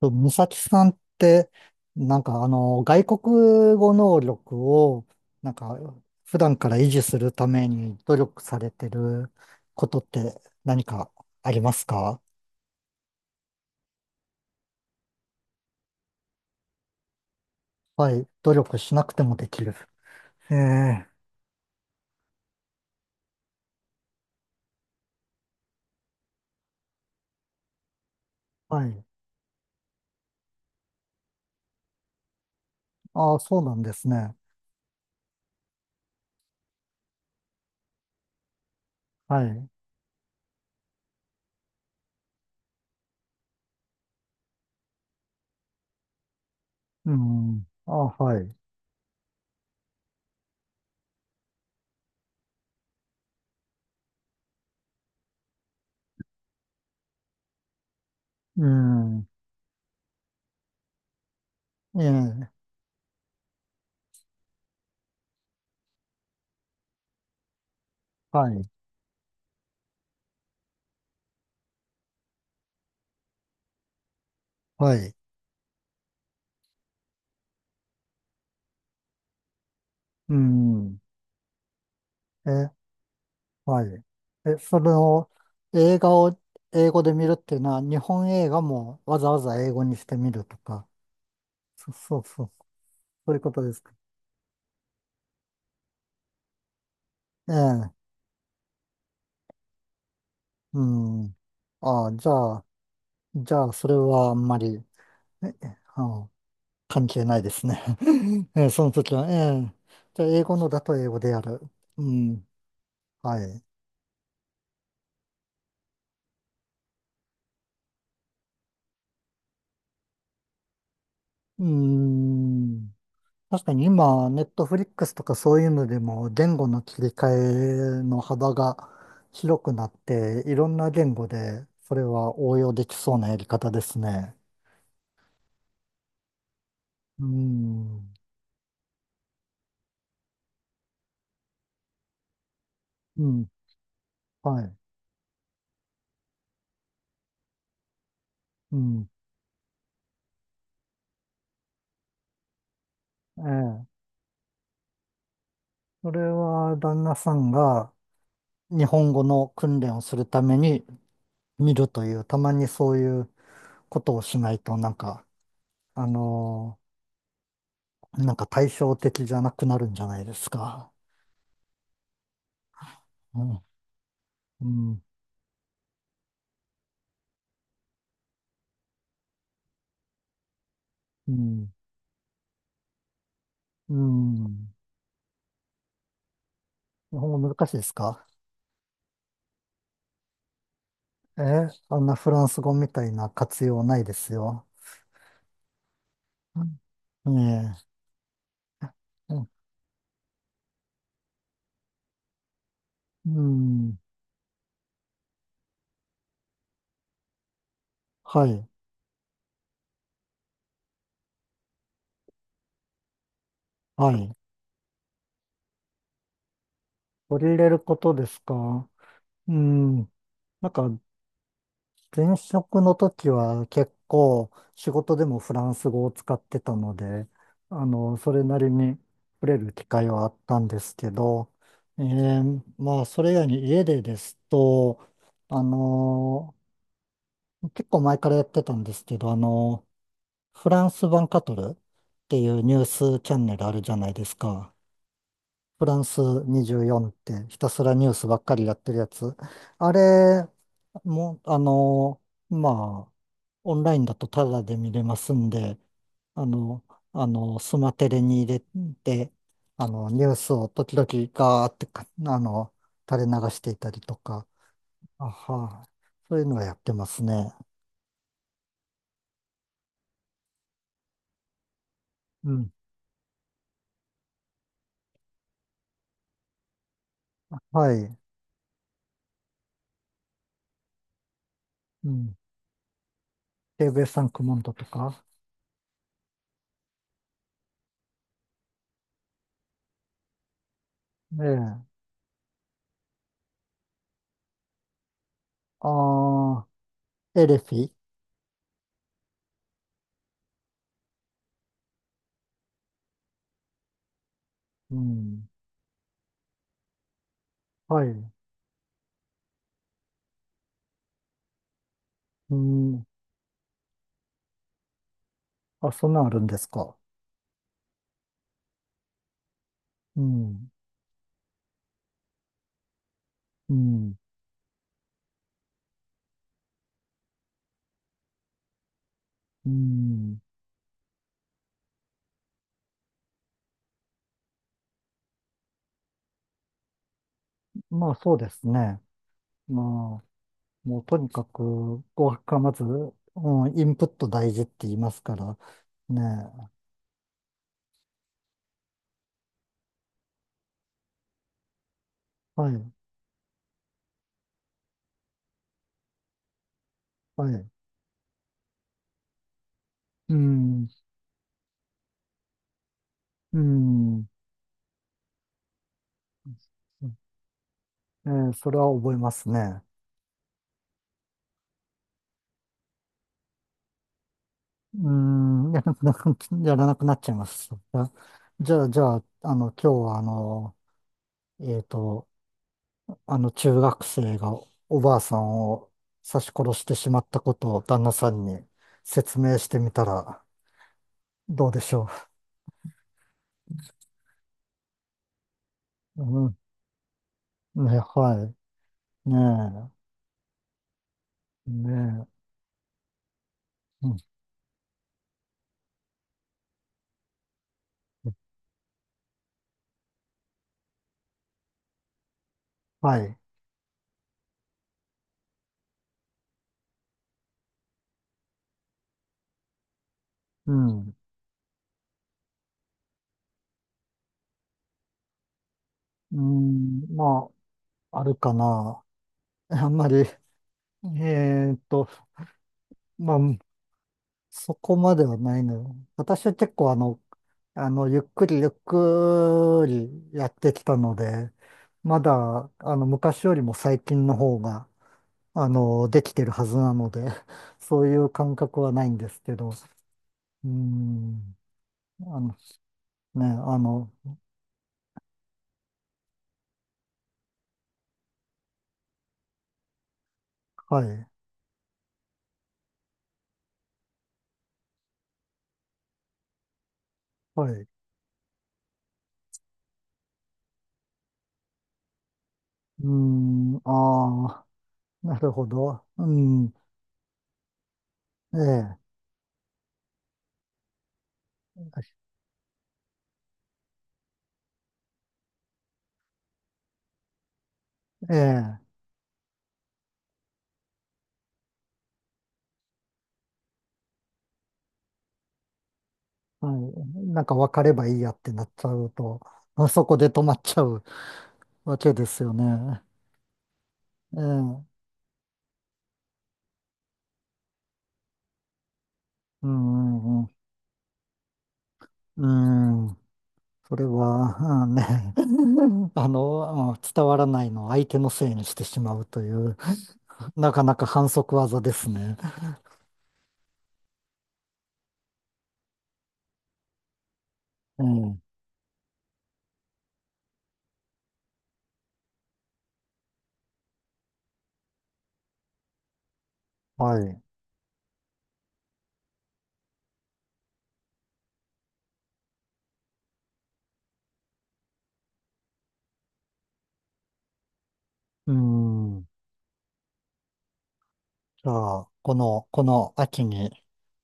と、美咲さんって、なんか外国語能力を、なんか、普段から維持するために努力されてることって何かありますか？はい。努力しなくてもできる。ええ。はい。ああ、そうなんですね。はい。うん。ああ、はい。うん。ええ。はい。はい。うん。ええ。はい。え、それを映画を英語で見るっていうのは、日本映画もわざわざ英語にしてみるとか、そうそう、そういうことですか？ええ、うん。ああ、じゃあ、それはあんまり、え、えあの関係ないですね。ええ、その時は、ええ、じゃあ、英語のだと英語でやる。うん。はい。うーん。確かに今、ネットフリックスとかそういうのでも言語の切り替えの幅が広くなって、いろんな言語でそれは応用できそうなやり方ですね。うん。うん。はい。うん。ええ。それは旦那さんが日本語の訓練をするために見るという、たまにそういうことをしないとなんか、あの対照的じゃなくなるんじゃないですか？うん。うん。うん。うん。日本語難しいですか？あんなフランス語みたいな活用ないですよ。うん。ねえ。うん。うん。はい。はい。取り入れることですか？うん。なんか、前職の時は結構仕事でもフランス語を使ってたので、それなりに触れる機会はあったんですけど、まあ、それ以外に家でですと、あの、結構前からやってたんですけど、フランスワンカトルっていうニュースチャンネルあるじゃないですか？フランス24ってひたすらニュースばっかりやってるやつ。あれも、あの、まあ、オンラインだとタダで見れますんで、あの、スマテレに入れて、ニュースを時々ガーってか、垂れ流していたりとか、あは、そういうのはやってますね。うん。はい。うん。テーブルさん、クモンドとか。ええ。ああ、エレフィ。うん。はい。うん。あ、そんなんあるんですか？うん。うん。うん。まあ、そうですね。まあ、もうとにかく、語学がまず、うん、インプット大事って言いますから、ねえ。はい。はい。うん。うん。ええ、それは覚えますね。うーん、やらなくなっちゃいます。じゃあ、今日は、えっと、あの中学生がおばあさんを刺し殺してしまったことを旦那さんに説明してみたらどうでしょう？うん。ね、はい。ねえ。ねえ。うん。はい。うん。うん。まあ、あるかな。あんまり、ーっと、まあ、そこまではないの。私は結構あの、ゆっくりゆっくりやってきたので、まだ、昔よりも最近の方が、できてるはずなので、そういう感覚はないんですけど、うん、あの、ね、はい、はい、うん、ああ、なるほど、うん、ええ、ええ、はい、なんか分かればいいやってなっちゃうと、まあそこで止まっちゃうわけですよね。ええ、うん、うん、うん、それは、うん、ね、うん、伝わらないのを相手のせいにしてしまうという。なかなか反則技ですね。うん。はい。うん。じゃあ、この秋に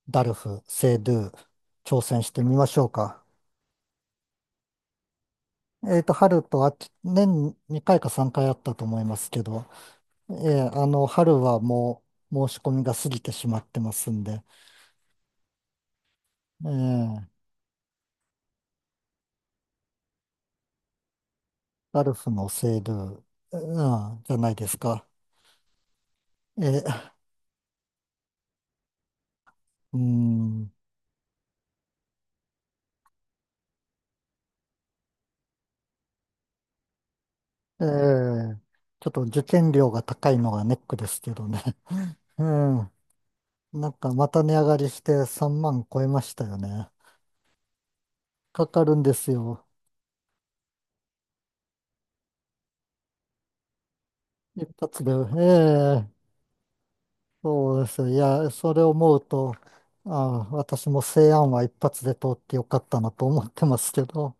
ダルフ、セイドゥ、挑戦してみましょうか？春と秋、年2回か3回あったと思いますけど、春はもう申し込みが過ぎてしまってますんで、えーダルフのセイドゥ、うん、じゃないですか？えーうん。えーちょっと受験料が高いのがネックですけどね。うん。なんかまた値上がりして3万超えましたよね。かかるんですよ。一発で。ええ、そうですよ。いや、それを思うと、ああ、私も西安は一発で通ってよかったなと思ってますけど。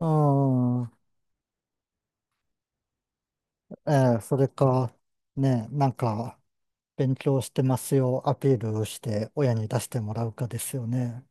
うん。ええ、それか、ね、なんか、勉強してますよ、アピールして親に出してもらうかですよね。